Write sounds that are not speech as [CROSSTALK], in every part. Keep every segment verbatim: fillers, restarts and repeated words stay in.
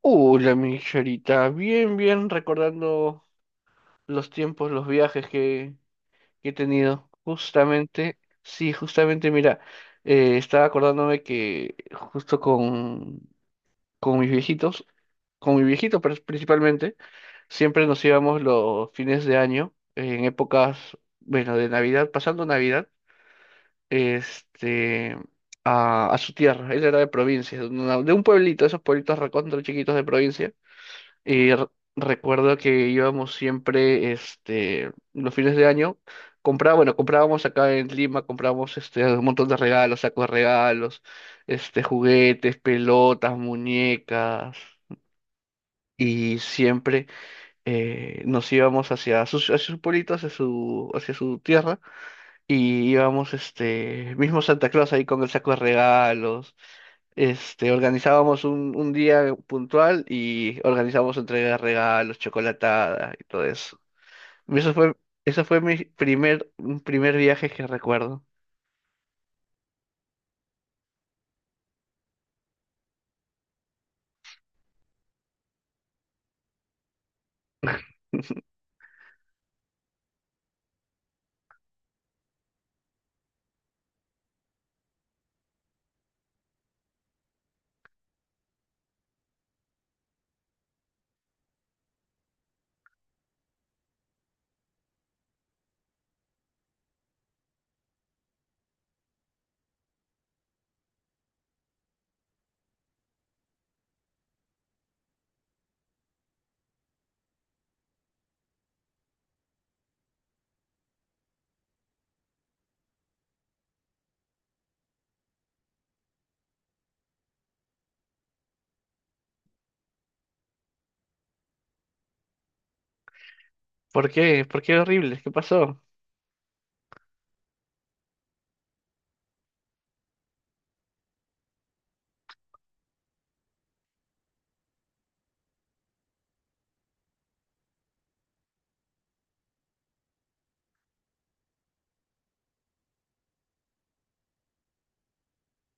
Hola, mi Charita. Bien, bien, recordando los tiempos, los viajes que, que he tenido. Justamente, sí, justamente, mira, eh, estaba acordándome que justo con, con mis viejitos, con mi viejito pero principalmente, siempre nos íbamos los fines de año, en épocas, bueno, de Navidad, pasando Navidad, este, a, a su tierra. Él era de provincia, de una- de un pueblito, esos pueblitos recontra chiquitos de provincia y r- recuerdo que íbamos siempre, este, los fines de año, compraba, bueno, comprábamos acá en Lima, comprábamos, este, un montón de regalos, sacos de regalos, este, juguetes, pelotas, muñecas, y siempre eh, nos íbamos hacia sus, hacia sus pueblitos, hacia su, hacia su tierra y íbamos, este, mismo Santa Claus ahí con el saco de regalos. Este, organizábamos un, un día puntual y organizábamos entrega de regalos, chocolatada y todo eso. Y eso fue, eso fue mi primer, un primer viaje que recuerdo. ¿Por qué? ¿Por qué horrible? ¿Qué pasó?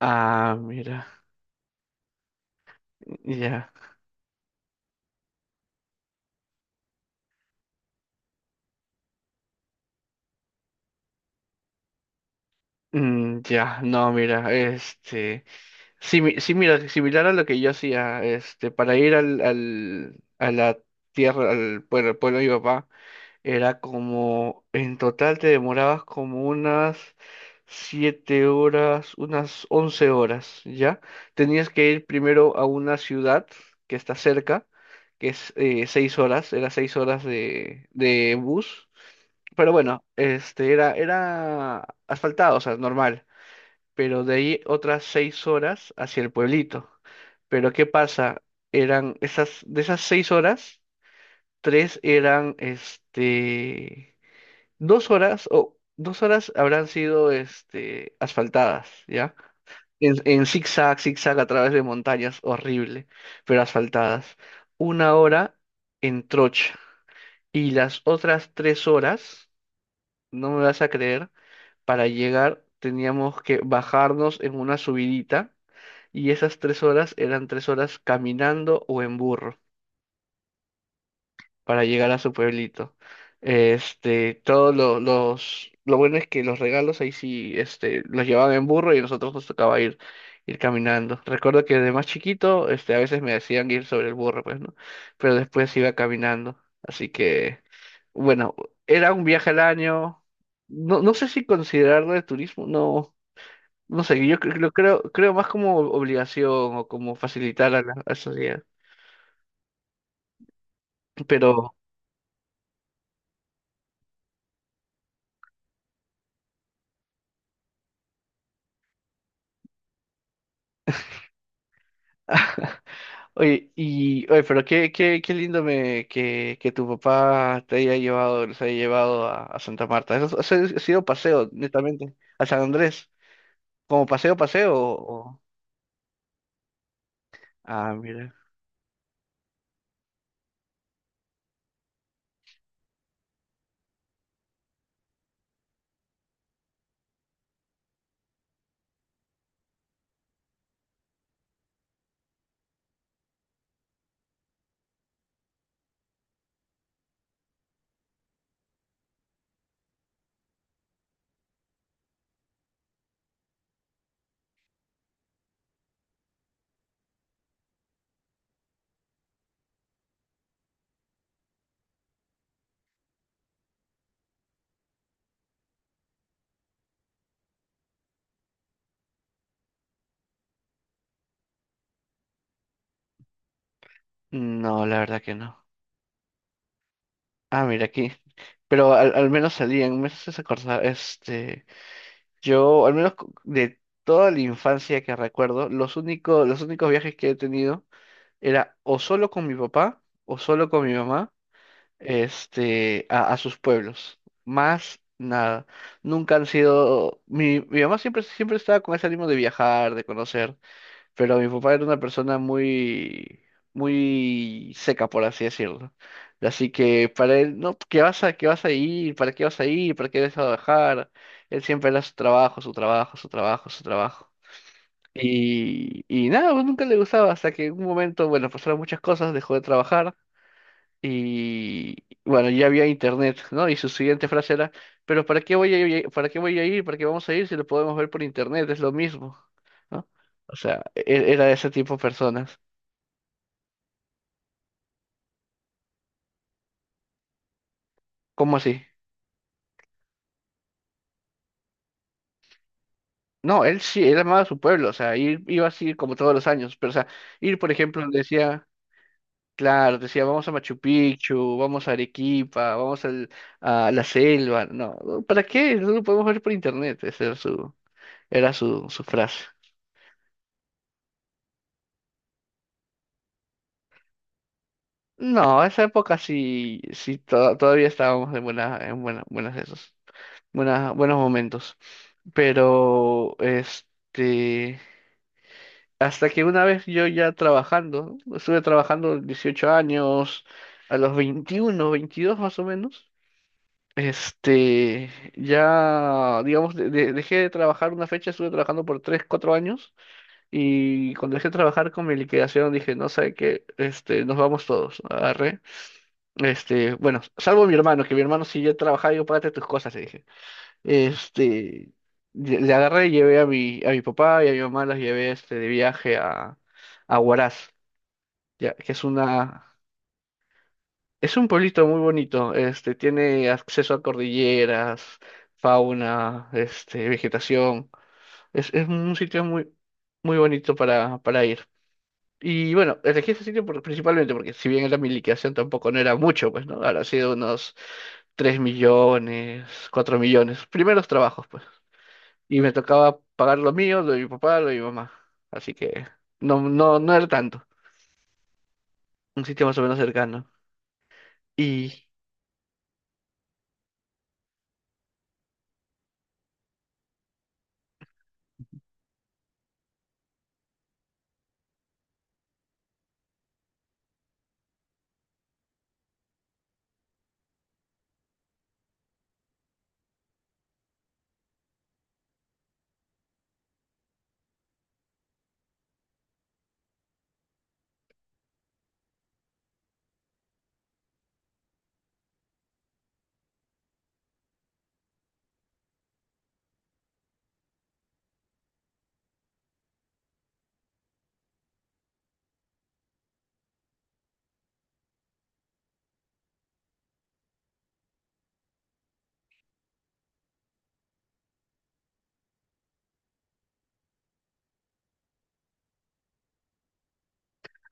Ah, mira, ya. Mm, ya, no, mira, este, sí, mi- sí, mira, similar a lo que yo hacía, este, para ir al, al, a la tierra, al pueblo, al pueblo de mi papá. Era como, en total te demorabas como unas siete horas, unas once horas, ¿ya? Tenías que ir primero a una ciudad que está cerca, que es, eh, seis horas, era seis horas de, de bus, pero bueno, este era, era asfaltado, o sea, normal, pero de ahí otras seis horas hacia el pueblito. Pero ¿qué pasa? Eran esas, de esas seis horas, tres eran este. Dos horas o dos horas habrán sido, este, asfaltadas, ¿ya? En, en zigzag, zigzag a través de montañas, horrible, pero asfaltadas. Una hora en trocha. Y las otras tres horas, no me vas a creer, para llegar teníamos que bajarnos en una subidita. Y esas tres horas eran tres horas caminando o en burro, para llegar a su pueblito. Este, todos lo- los, lo bueno es que los regalos ahí sí, este, los llevaban en burro y a nosotros nos tocaba ir, ir caminando. Recuerdo que de más chiquito, este, a veces me decían ir sobre el burro, pues, ¿no? Pero después iba caminando. Así que, bueno, era un viaje al año. No, no sé si considerarlo de turismo, no, no sé, yo cre- lo creo, creo más como obligación o como facilitar a la, a la sociedad. Pero oye, y, oye, pero qué, qué, qué lindo me, que, que tu papá te haya llevado, los haya llevado a, a Santa Marta. Eso, eso ha sido paseo, netamente, a San Andrés. ¿Como paseo, paseo o...? o- Ah, mira. No, la verdad que no. Ah, mira, aquí. Pero al, al menos salían, me haces acordar, este, yo, al menos, cu- de toda la infancia que recuerdo, los únicos, los únicos viajes que he tenido era o solo con mi papá o solo con mi mamá, este, a, a sus pueblos. Más nada. Nunca han sido. Mi, mi mamá siempre, siempre estaba con ese ánimo de viajar, de conocer, pero mi papá era una persona muy, muy seca, por así decirlo. Así que para él, no, ¿qué vas a, qué vas a ir? ¿Para qué vas a ir? ¿Para qué vas a viajar? Él siempre era su trabajo, su trabajo, su trabajo, su trabajo. Y, y nada, pues nunca le gustaba, hasta que en un momento, bueno, pasaron muchas cosas, dejó de trabajar y bueno, ya había internet, ¿no? Y su siguiente frase era, pero ¿para qué voy a ir, para qué voy a ir, para qué vamos a ir si lo podemos ver por internet? Es lo mismo, ¿no? O sea, e- e, era de ese tipo de personas. ¿Cómo así? No, él sí, él amaba su pueblo, o sea, ir- iba así como todos los años, pero o sea, ir, por ejemplo, decía, claro, decía, vamos a Machu Picchu, vamos a Arequipa, vamos al- a la selva, no, ¿para qué? No lo podemos ver por internet, esa era su, era su, su frase. No, esa época sí, sí to- todavía estábamos en buena, en buena- buenas esos, buenas, buenos momentos. Pero este, hasta que una vez yo ya trabajando, estuve trabajando dieciocho años, a los veintiuno, veintidós más o menos. Este, ya, digamos, de- de- dejé de trabajar una fecha, estuve trabajando por tres, cuatro años y cuando dejé de trabajar con mi liquidación dije, no sé qué, este, nos vamos todos, este, bueno, salvo mi hermano, que mi hermano si yo trabajaba, yo págate tus cosas, le dije. Este, lle- le agarré y llevé a mi, a mi papá y a mi mamá, las llevé, este, de viaje a, a Huaraz, ya, que es una, es un pueblito muy bonito, este, tiene acceso a cordilleras, fauna, este, vegetación. Es, es un sitio muy, muy bonito para, para ir. Y bueno, elegí ese sitio por- principalmente porque si bien era mi liquidación tampoco no era mucho, pues, ¿no? Ahora ha sido unos tres millones, cuatro millones, primeros trabajos, pues. Y me tocaba pagar lo mío, lo de mi papá, lo de mi mamá. Así que no, no, no era tanto. Un sitio más o menos cercano. Y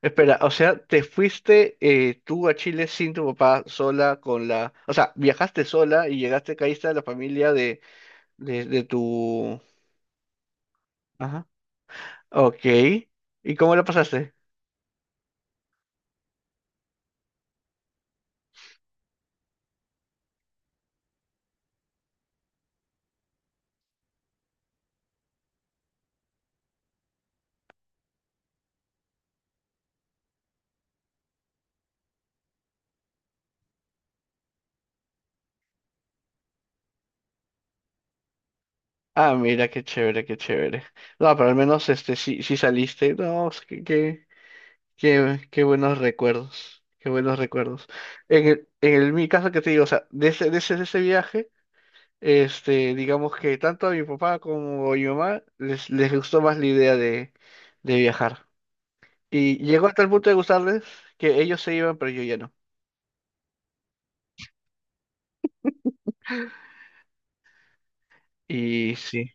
espera, o sea, te fuiste, eh, tú a Chile sin tu papá, sola, con la... O sea, viajaste sola y llegaste, caíste a la familia de, de, de tu... Ajá. Ok. ¿Y cómo la pasaste? Ah, mira, qué chévere, qué chévere. No, pero al menos este sí, sí saliste. No, es que- qué, qué, qué, buenos recuerdos. Qué buenos recuerdos. En el, en el- mi caso que te digo, o sea, de ese, de ese, de ese viaje, este, digamos que tanto a mi papá como a mi mamá les, les gustó más la idea de, de viajar. Y llegó hasta el punto de gustarles que ellos se iban, pero yo ya no. Y sí.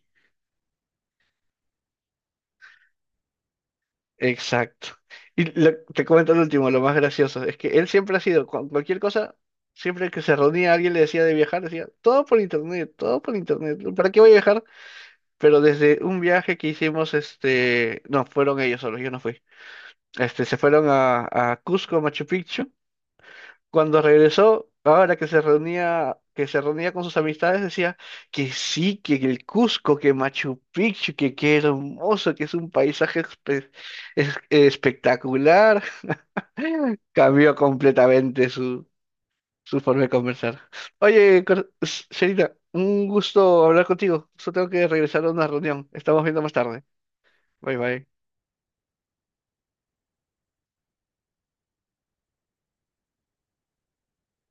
Exacto. Y lo- te comento lo último, lo más gracioso, es que él siempre ha sido, cuan- cualquier cosa, siempre que se reunía alguien le decía de viajar, decía, todo por internet, todo por internet, ¿para qué voy a viajar? Pero desde un viaje que hicimos, este, no, fueron ellos solos, yo no fui, este, se fueron a, a Cusco, Machu Picchu, cuando regresó, ahora que se reunía, que se reunía con sus amistades, decía que sí, que el Cusco, que Machu Picchu, que qué hermoso, que es un paisaje espe- es- espectacular. [LAUGHS] Cambió completamente su, su forma de conversar. Oye, Cor- S- Serita, un gusto hablar contigo. Solo tengo que regresar a una reunión. Estamos viendo más tarde. Bye bye.